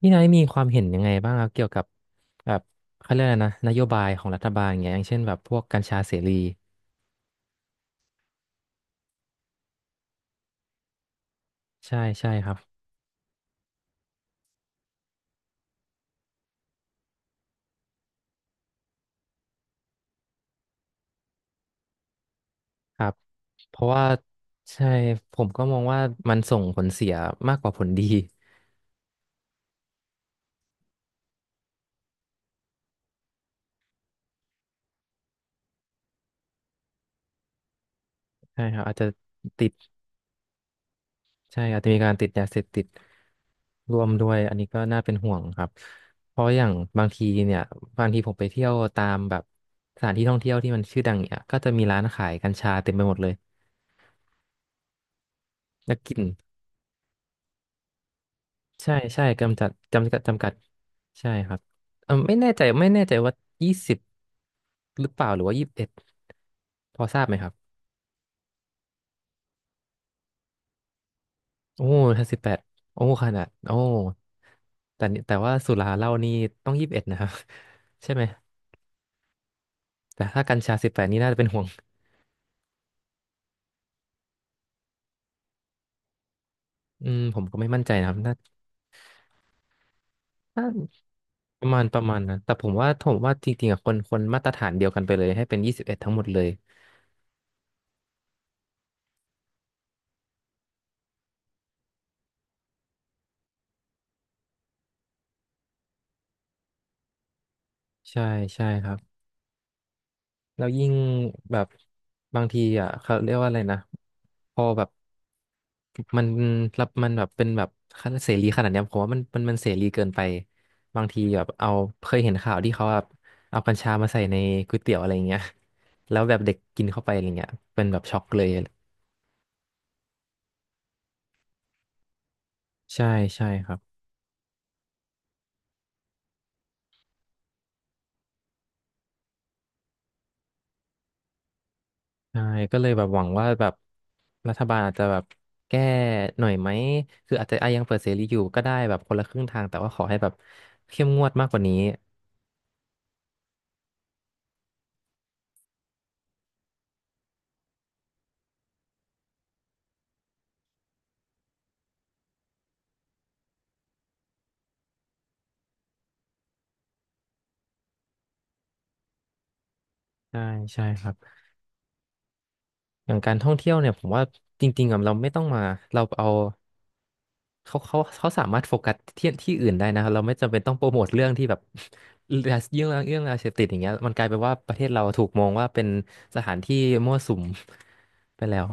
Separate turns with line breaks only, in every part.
พี่นายมีความเห็นยังไงบ้างครับเกี่ยวกับแบบเขาเรียกอะไรนะนโยบายของรัฐบาลอย่างเงี้ยอย่างเช่นแบบพวกกัญชาเสรีใช่ใช่ครับครับเพราะว่าใช่ผมก็มองว่ามันส่งผลเสียมากกว่าผลดีใช่ครับอาจจะติดใช่อาจจะมีการติดยาเสพติดร่วมด้วยอันนี้ก็น่าเป็นห่วงครับเพราะอย่างบางทีเนี่ยบางทีผมไปเที่ยวตามแบบสถานที่ท่องเที่ยวที่มันชื่อดังเนี่ยก็จะมีร้านขายกัญชาเต็มไปหมดเลยแล้วกลิ่น ใช่ใช่กำจัดจำกัดจำกัดใช่ครับไม่แน่ใจไม่แน่ใจว่ายี่สิบหรือเปล่าหรือว่ายี่สิบเอ็ดพอทราบไหมครับโอ้ถ้าสิบแปดโอ้ขนาดโอ้แต่นี่แต่ว่าสุราเหล้านี่ต้องยี่สิบเอ็ดนะครับ ใช่ไหมแต่ถ้ากัญชาสิบแปดนี่น่าจะเป็นห่วงอืมผมก็ไม่มั่นใจนะครับน่าน่าประมาณประมาณนะแต่ผมว่าจริงๆอะคนมาตรฐานเดียวกันไปเลยให้เป็นยี่สิบเอ็ดทั้งหมดเลยใช่ใช่ครับ แล้วยิ่งแบบบางทีเขาเรียกว่าอะไรนะพอแบบมันรับมันแบบเป็นแบบเสรีขนาดเนี้ยผมว่ามันเสรีเกินไปบางทีแบบเอาเคยเห็นข่าวที่เขาแบบเอากัญชามาใส่ในก๋วยเตี๋ยวอะไรอย่างเงี้ยแล้วแบบเด็กกินเข้าไปอะไรเงี้ยเป็นแบบช็อกเลยใช่ใช่ครับใช่ก็เลยแบบหวังว่าแบบรัฐบาลอาจจะแบบแก้หน่อยไหมคืออาจจะยังเปิดเสรีอยู่ก็ได้แบบคนละครึ่งทางแต่ว่าขอให้แบบเข้มงวดมากกว่านี้ใช่ใช่ครับ อย่างการท่องเที่ยวเนี่ยผมว่าจริงๆอะเราไม่ต้องมาเราเอาเขาสามารถโฟกัสที่อื่นได้นะครับเราไม่จำเป็นต้องโปรโมทเรื่องที่แบบ เรื่องยาเสพติดอย่างเงี้ยมันกลายเป็นว่าประเทศเราถูกมองว่าเป็นสถานที่มั่วสุม ไปแล้ว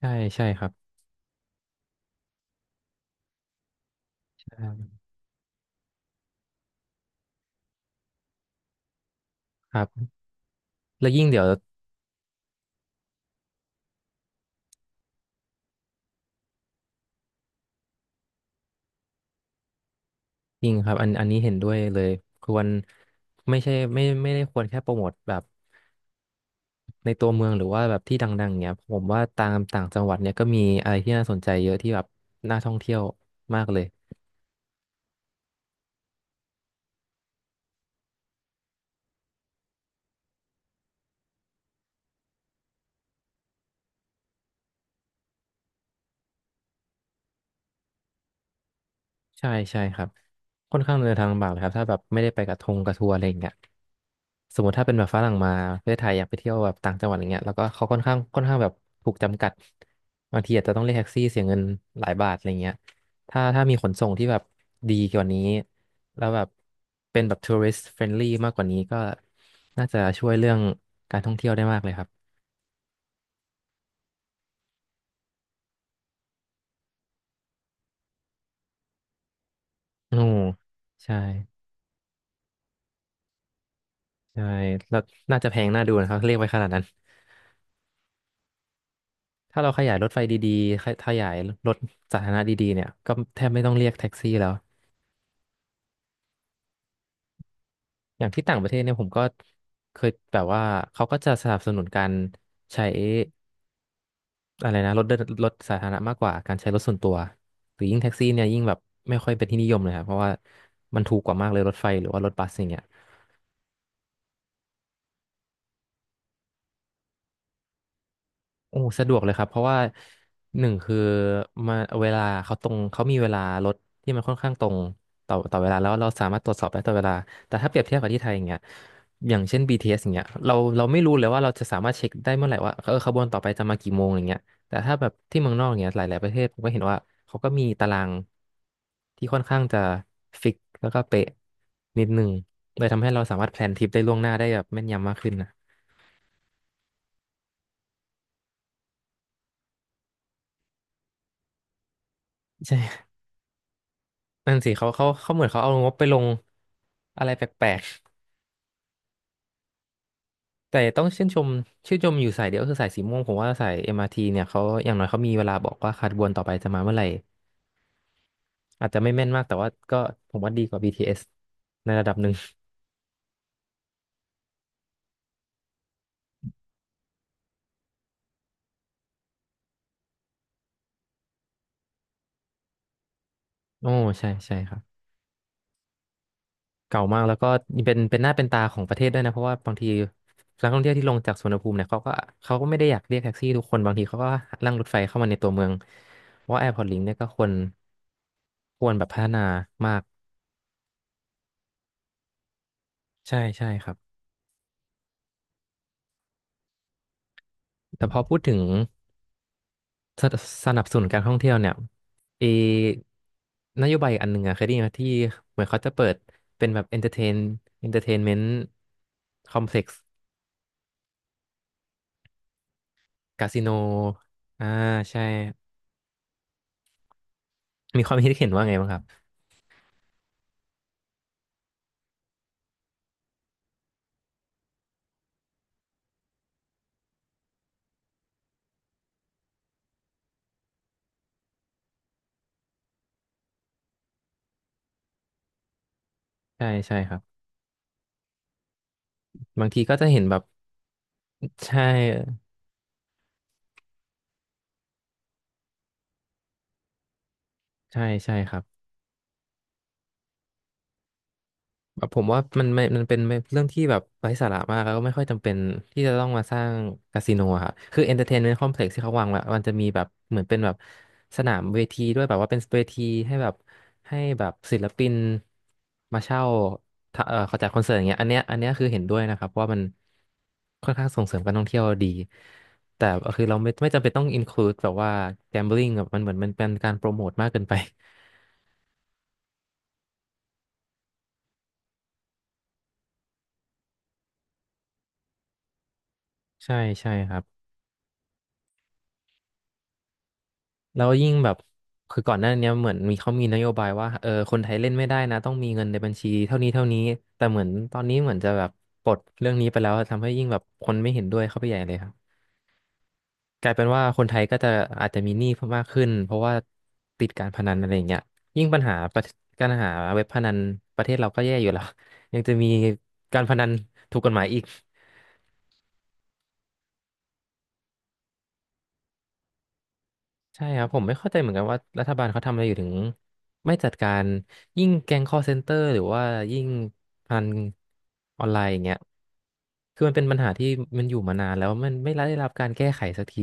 ใช่ใช่ครับใช่ครับแล้วยิ่งเดี๋ยวจริงครับอันนี้เห็นด้วยเลยควรไม่ใช่ไม่ได้ควรแค่โปรโมทแบบ ในตัวเมืองหรือว่าแบบที่ดังๆเนี้ยผมว่าตามต่างจังหวัดเนี่ยก็มีอะไรที่น่าสนใจเยอะที่แบบน่าท่องเที่ยวมากเลยใช่ใช่ครับค่อนข้างเดินทางลำบากเลยครับถ้าแบบไม่ได้ไปกับทัวร์อะไรอย่างเงี้ยสมมติถ้าเป็นแบบฝรั่งมาประเทศไทยอยากไปเที่ยวแบบต่างจังหวัดอย่างเงี้ยแล้วก็เขาค่อนข้างแบบถูกจำกัดบางทีอาจจะต้องเรียกแท็กซี่เสียเงินหลายบาทอะไรเงี้ยถ้ามีขนส่งที่แบบดีกว่านี้แล้วแบบเป็นแบบทัวริส t f เฟรนลี่มากกว่านี้ก็น่าจะช่วยเรื่องการท่องเที่ยวได้มากเลยครับ โอ้ใช่ใช่แล้วน่าจะแพงน่าดูนะครับเรียกไว้ขนาดนั้นถ้าเราขยายรถไฟดีๆขยายรถสาธารณะดีๆเนี่ยก็แทบไม่ต้องเรียกแท็กซี่แล้วอย่างที่ต่างประเทศเนี่ยผมก็เคยแบบว่าเขาก็จะสนับสนุนการใช้อะไรนะรถเดินรถสาธารณะมากกว่าการใช้รถส่วนตัวหรือยิ่งแท็กซี่เนี่ยยิ่งแบบไม่ค่อยเป็นที่นิยมเลยครับเพราะว่ามันถูกกว่ามากเลยรถไฟหรือว่ารถบัสอย่างเงี้ย โอ้สะดวกเลยครับเพราะว่าหนึ่งคือมาเวลาเขาตรงเขามีเวลารถที่มันค่อนข้างตรงต่อเวลาแล้วเราสามารถตรวจสอบได้ต่อเวลาแต่ถ้าเปรียบเทียบกับที่ไทยอย่างเงี้ยอย่างเช่น BTS อสอย่างเงี้ยเราไม่รู้เลยว่าเราจะสามารถเช็คได้เมื่อไหร่ว่าขบวนต่อไปจะมากี่โมงอะไรเงี้ยแต่ถ้าแบบที่เมืองนอกอย่างเงี้ยหลายๆประเทศผมก็เห็นว่าเขาก็มีตารางที่ค่อนข้างจะฟิกแล้วก็เป๊ะนิดนึงเลยทำให้เราสามารถแพลนทริปได้ล่วงหน้าได้แบบแม่นยำมากขึ้นนะใช่ นั่นสิเขาเหมือนเขาเอางบไปลงอะไรแปลกๆแต่ต้องชื่นชมอยู่สายเดียวคือสายสีม่วงผมว่าสาย MRT เนี่ยเขาอย่างน้อยเขามีเวลาบอกว่าขบวนต่อไปจะมาเมื่อไหร่อาจจะไม่แม่นมากแต่ว่าก็ผมว่าดีกว่า BTS ในระดับหนึ่งโอ้ใช่ใช่ครับเก่ามากแล้วก็เป็นหน้าเป็นตาของประเทศด้วยนะเพราะว่าบางทีนักท่องเที่ยวที่ลงจากสุวรรณภูมิเนี่ยเขาก็ไม่ได้อยากเรียกแท็กซี่ทุกคนบางทีเขาก็นั่งรถไฟเข้ามาในตัวเมืองเพราะว่าแอร์พอร์ตลิงเนี่ยก็ควรแบบพัฒนามาก ใช่ใช่ครับแต่พอพูดถึงสสนับสนุนการท่องเที่ยวเนี่ยเอนโยบายอันหนึ่งอะเคยได้ยินไหมที่เหมือนเขาจะเปิดเป็นแบบเอนเตอร์เทนเมนต์คอมเพล็กซ์คาสิโนอ่าใช่มีความคิดเห็นว่าไงบ้างครับใช่ใช่ครับบางทีก็จะเห็นแบบใช่ใช่ใช่ครับ แบบผมว่ามันเป็นเรื่องที่แบบไร้สาระมากแล้วก็ไม่ค่อยจำเป็นที่จะต้องมาสร้างคาสิโนอะครับคือเอนเตอร์เทนเมน o ์คอมเพล็กซ์ที่เขาวางไว้มันจะมีแบบเหมือนเป็นแบบสนามเวทีด้วยแบบว่าเป็นเวทีให้แบบให้แบบศิลปินมาเช่าถ้าเออเขาจัดคอนเสิร์ตอย่างเงี้ยอันเนี้ยคือเห็นด้วยนะครับว่ามันค่อนข้างส่งเสริมการท่องเที่ยวดี แต่คือเราไม่จำเป็นต้องอินคลูดแบบว่า gambling แบบมันเป็นการโปรโมทมากเกินไป ใช่ใช่ครับ แล้วยิ่งแบบคือก่อนหน้าเนี้ยเหมือนมีเขามีนโยบายว่าเออคนไทยเล่นไม่ได้นะต้องมีเงินในบัญชีเท่านี้แต่เหมือนตอนนี้เหมือนจะแบบปลดเรื่องนี้ไปแล้วทำให้ยิ่งแบบคนไม่เห็นด้วยเข้าไปใหญ่เลยครับกลายเป็นว่าคนไทยก็จะอาจจะมีหนี้เพิ่มมากขึ้นเพราะว่าติดการพนันอะไรอย่างเงี้ยยิ่งปัญหาประการหาเว็บพนันประเทศเราก็แย่อยู่แล้ว ยังจะมีการพนันถูกกฎหมายอีก ใช่ครับผมไม่เข้าใจเหมือนกันว่ารัฐบาลเขาทำอะไรอยู่ถึงไม่จัดการยิ่งแก๊ง call center หรือว่ายิ่งพนันออนไลน์อย่างเงี้ยคือมันเป็นปัญหาที่มันอยู่มานานแล้วมันไม่ได้รับการแก้ไขสักที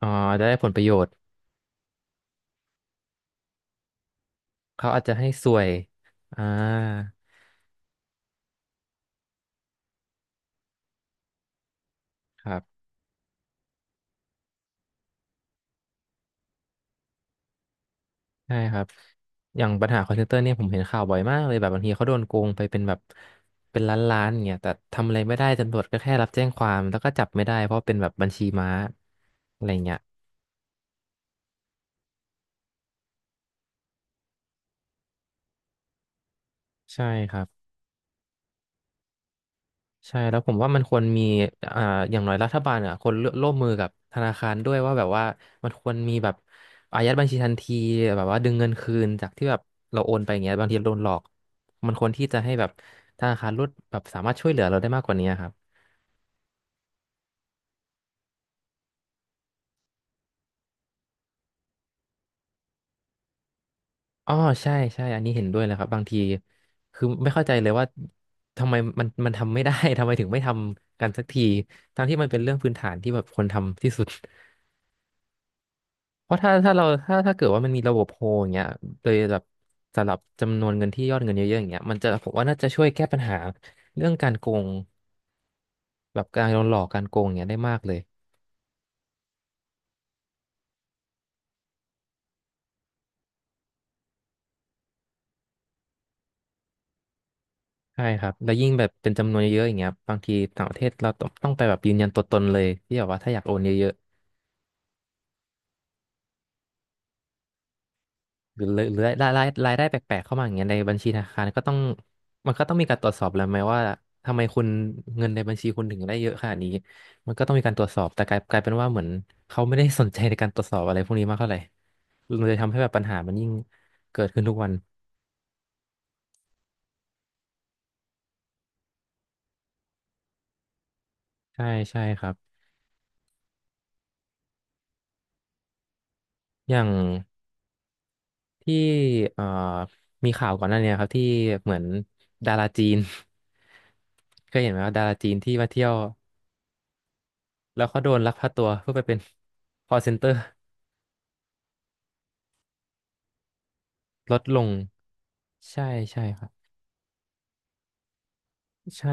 อ๋อได้ผลประโยชน์เขาอาจจะให้ส่วยอ่าครับใช่ครับอย่างปัญหาค a l l นเตอร์เนี่ยผมเห็นข่าวบ่อยมากเลยแบบบางทีเขาโดนโกงไปเป็นล้านล้านเนี่ยแต่ทำอะไรไม่ได้ตำรวจก็แค่รับแจ้งความแล้วก็จับไม่ได้เพราะเป็นแบบบัญชีม้าอะไรเงี้ย ใช่ครับใช่แล้วผมว่ามันควรมีอ่าอย่างน้อยรัฐบาลอ่ะคนร่วมมือกับธนาคารด้วยว่าแบบว่ามันควรมีแบบอายัดบัญชีทันทีแบบว่าดึงเงินคืนจากที่แบบเราโอนไปอย่างเงี้ยบางทีโดนหลอกมันควรที่จะให้แบบธนาคารลดแบบสามารถช่วยเหลือเราได้มากกว่านี้ครับอ๋อใช่ใช่อันนี้เห็นด้วยเลยครับบางทีคือไม่เข้าใจเลยว่าทำไมมัน มันทำไม่ได้ ทำไมถึงไม่ทำกันสักทีทั้งที่มันเป็นเรื่องพื้นฐานที่แบบคนทำที่สุด เพราะถ้าเกิดว่ามันมีระบบโฮอย่างเงี้ยโดยแบบสำหรับจำนวนเงินที่ยอดเงินเยอะๆอย่างเงี้ยมันจะผมว่าน่าจะช่วยแก้ปัญหาเรื่องการโกงแบบการโดนหลอกการโกงอย่างเงี้ยได้มากเลยใช่ครับแล้วยิ่งแบบเป็นจำนวนเยอะๆอย่างเงี้ยบางทีต่างประเทศเราต้องไปแบบยืนยันตัวตนเลยที่แบบว่าถ้าอยากโอนเยอะ หรือรายได้แปลกๆเข้ามาอย่างเงี้ยในบัญชีธนาคารก็ต้องมันต้องมีการตรวจสอบแล้วไหมว่าทำไมคุณเงินในบัญชีคุณถึงได้เยอะขนาดนี้มันก็ต้องมีการตรวจสอบแต่กลายเป็นว่าเหมือนเขาไม่ได้สนใจในการตรวจสอบอะไรพวกนี้มากเท่าไหร่มันเลยทำให้แบบปัญหามันยิ่งเกิดขึ้นทุกวันใช่ใช่ครับอย่างที่เอ่อมีข่าวก่อนหน้าเนี้ยครับที่เหมือนดาราจีน เคยเห็นไหมว่าดาราจีนที่มาเที่ยวแล้วเขาโดนลักพาตัวเพื่อไปเป็น call center ลดลงใช่ใช่ครับใช่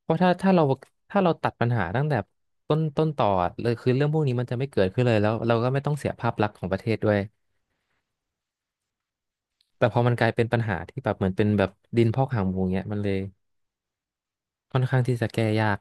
เพราะถ้าเราตัดปัญหาตั้งแต่ต้นต่อเลยคือเรื่องพวกนี้มันจะไม่เกิดขึ้นเลยแล้วเราก็ไม่ต้องเสียภาพลักษณ์ของประเทศด้วยแต่พอมันกลายเป็นปัญหาที่แบบเหมือนเป็นแบบดินพอกหางหมูเงี้ยมันเลยค่อนข้างที่จะแก้ยาก